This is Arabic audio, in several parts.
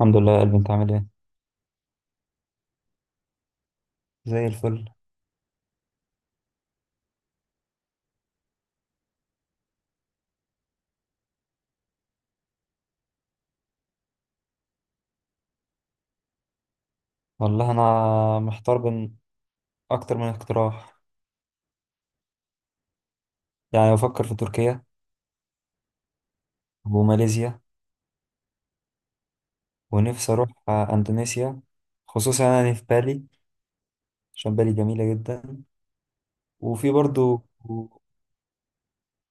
الحمد لله يا قلبي، انت عامل ايه؟ زي الفل. والله انا محتار بين اكتر من اقتراح. يعني بفكر في تركيا وماليزيا، ونفسي اروح اندونيسيا. خصوصا يعني في بالي، عشان بالي جميلة جدا. وفي برضو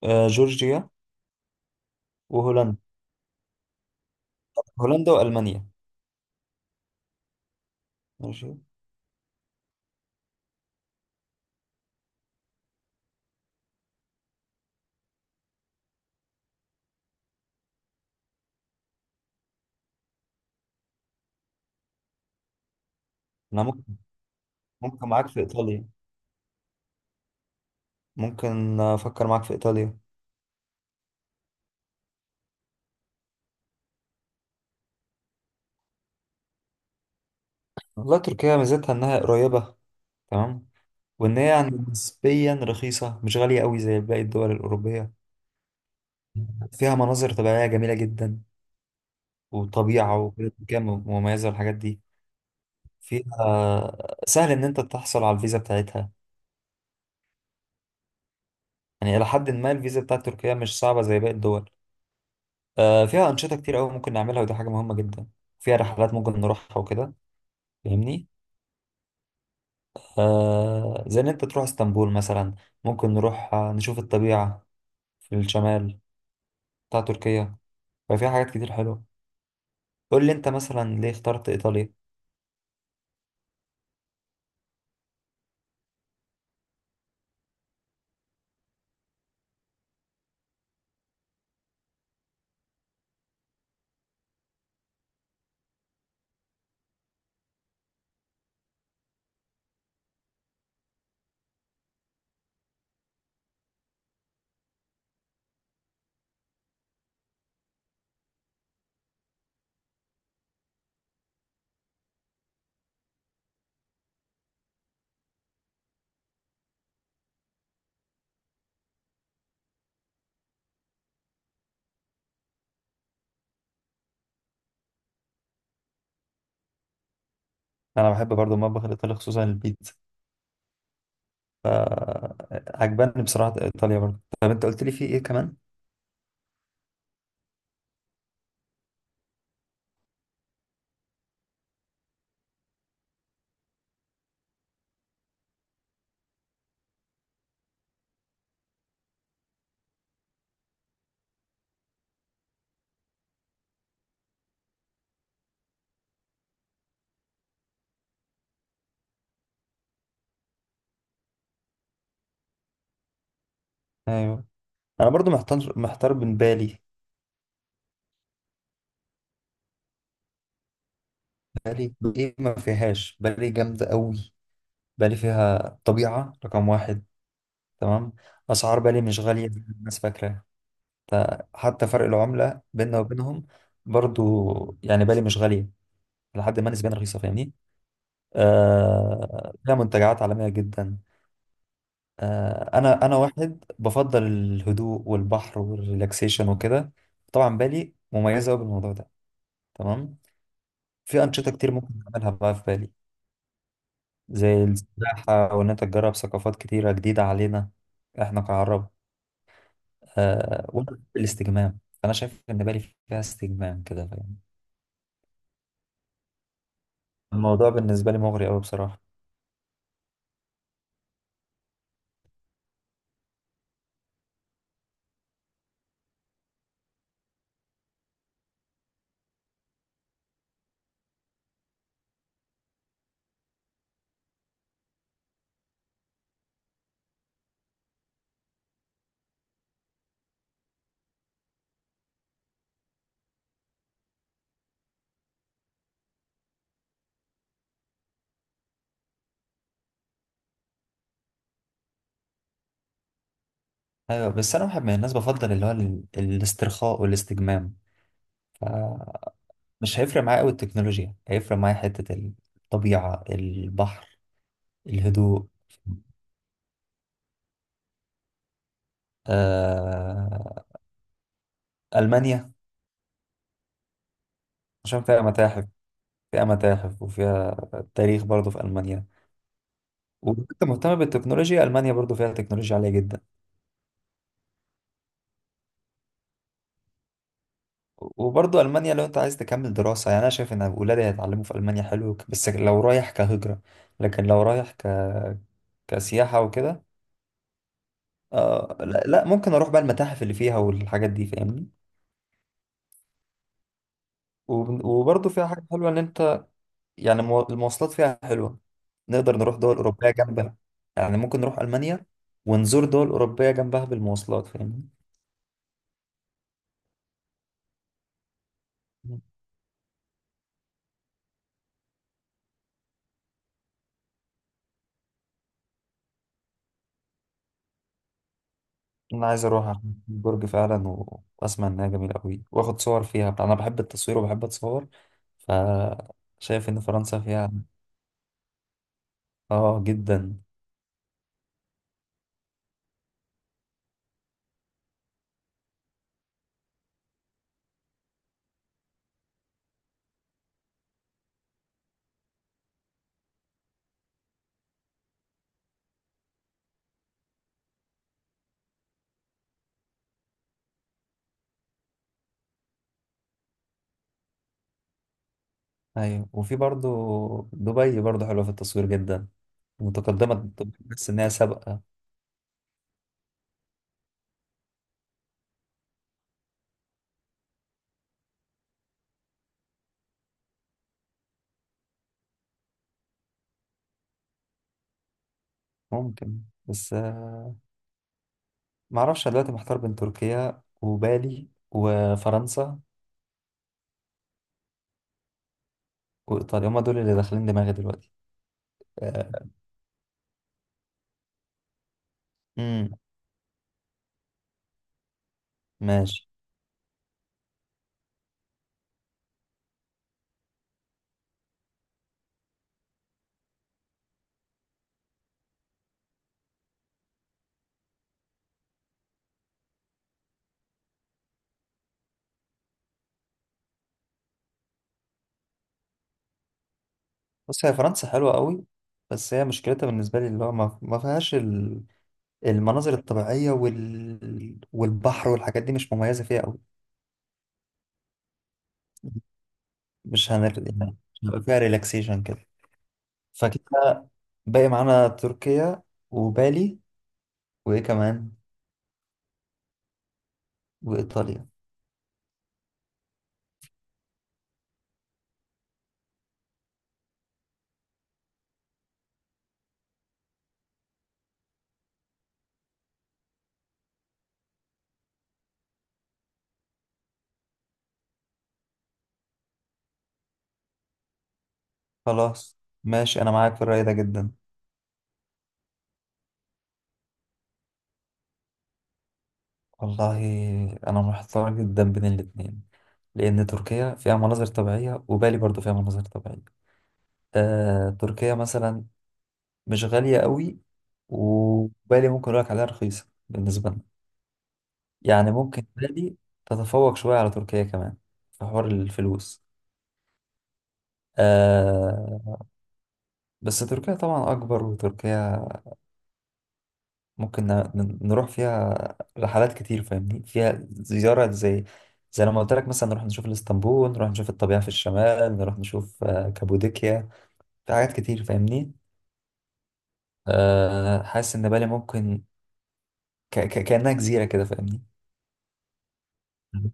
جورجيا وهولندا. هولندا والمانيا. ماشي. انا ممكن معاك في ايطاليا. ممكن افكر معاك في ايطاليا. والله تركيا ميزتها انها قريبة. تمام. وان هي يعني نسبيا رخيصة، مش غالية قوي زي باقي الدول الأوروبية. فيها مناظر طبيعية جميلة جدا، وطبيعة وبلد كام مميزة والحاجات دي. فيها سهل إن أنت تحصل على الفيزا بتاعتها. يعني إلى حد ما الفيزا بتاعت تركيا مش صعبة زي باقي الدول. فيها أنشطة كتير أوي ممكن نعملها، ودي حاجة مهمة جدا. فيها رحلات ممكن نروحها وكده، فاهمني؟ زي إن أنت تروح اسطنبول مثلا. ممكن نروح نشوف الطبيعة في الشمال بتاع تركيا. ففيها حاجات كتير حلوة. قول لي أنت مثلا ليه اخترت إيطاليا. أنا بحب برضو المطبخ الإيطالي، خصوصا البيتزا. فعجباني بصراحة إيطاليا برضه. طب أنت قلت لي في إيه كمان؟ أيوه. أنا برضه محتار بين بالي. بالي إيه ما فيهاش؟ بالي جامدة أوي. بالي فيها طبيعة رقم واحد. تمام. أسعار بالي مش غالية زي ما الناس فاكرة. ف- حتى فرق العملة بيننا وبينهم برضه، يعني بالي مش غالية. لحد ما نسبيا رخيصة، فاهمني؟ آه، فيها منتجعات عالمية جدا. انا واحد بفضل الهدوء والبحر والريلاكسيشن وكده. طبعا بالي مميزه قوي بالموضوع ده. تمام. في انشطه كتير ممكن نعملها بقى في بالي. زي السباحه، او ان انت تجرب ثقافات كتيره جديده علينا احنا كعرب. آه، وأنا الاستجمام. انا شايف ان بالي فيها استجمام كده، فاهم؟ الموضوع بالنسبه لي مغري قوي بصراحه. ايوه. بس انا واحد من الناس بفضل اللي هو الاسترخاء والاستجمام. فمش هيفرق معايا قوي التكنولوجيا، هيفرق معايا حته الطبيعه، البحر، الهدوء. آه... ألمانيا، عشان فيها متاحف. فيها متاحف وفيها تاريخ برضو في ألمانيا. وأنت مهتم بالتكنولوجيا، ألمانيا برضو فيها تكنولوجيا عالية جدا. وبرضو ألمانيا لو أنت عايز تكمل دراسة يعني، أنا شايف إن ولادي هيتعلموا في ألمانيا حلو، بس لو رايح كهجرة. لكن لو رايح كسياحة وكده. لا، ممكن أروح بقى المتاحف اللي فيها والحاجات دي، فاهمني؟ وبرضو فيها حاجة حلوة إن أنت يعني المواصلات فيها حلوة. نقدر نروح دول أوروبية جنبها. يعني ممكن نروح ألمانيا ونزور دول أوروبية جنبها بالمواصلات، فاهمني؟ أنا عايز أروح عشان برج فعلا، وأسمع إنها جميلة أوي وآخد صور فيها. أنا بحب التصوير وبحب أتصور. فشايف إن فرنسا فيها. آه، جدا. أيوة، وفي برضو دبي برضو حلوة في التصوير جدا. متقدمة. بس إنها سابقة. ممكن. بس معرفش. أنا دلوقتي محتار بين تركيا وبالي وفرنسا وإيطاليا. هما دول اللي داخلين دماغي دلوقتي. آه. امم. ماشي. بص هي فرنسا حلوة قوي. بس هي مشكلتها بالنسبة لي اللي هو ما فيهاش المناظر الطبيعية والبحر والحاجات دي، مش مميزة فيها قوي. مش هنر... يعني مش هيبقى فيها ريلاكسيشن كده. فكده باقي معانا تركيا وبالي، وإيه كمان؟ وإيطاليا. خلاص. ماشي، أنا معاك في الرأي ده جدا. والله أنا محتار جدا بين الاتنين، لأن تركيا فيها مناظر طبيعية وبالي برضو فيها مناظر طبيعية. تركيا مثلا مش غالية قوي. وبالي ممكن أقولك عليها رخيصة بالنسبة لنا. يعني ممكن بالي تتفوق شوية على تركيا كمان في حوار الفلوس. آه. بس تركيا طبعا أكبر، وتركيا ممكن نروح فيها رحلات كتير، فاهمني؟ فيها زيارة، زي لما قلت لك مثلا نروح نشوف الاسطنبول، نروح نشوف الطبيعة في الشمال، نروح نشوف كابوديكيا. في حاجات كتير، فاهمني؟ حاسس إن بالي ممكن ك ك كأنها جزيرة كده، فاهمني؟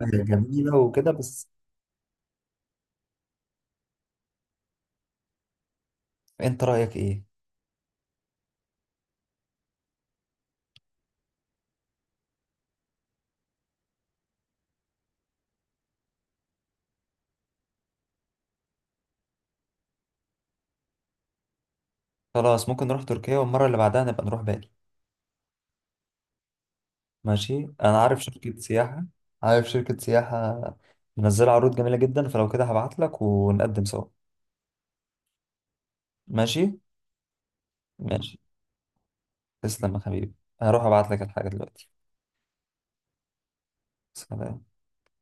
هي جميلة وكده بس. أنت رأيك إيه؟ خلاص، ممكن نروح تركيا، والمرة اللي بعدها نبقى نروح بالي. ماشي. أنا عارف شركة سياحة. عارف شركة سياحة منزلة عروض جميلة جدا، فلو كده هبعت لك ونقدم سوا. ماشي؟ ماشي. تسلم يا حبيبي. هروح ابعت لك الحاجة دلوقتي. سلام.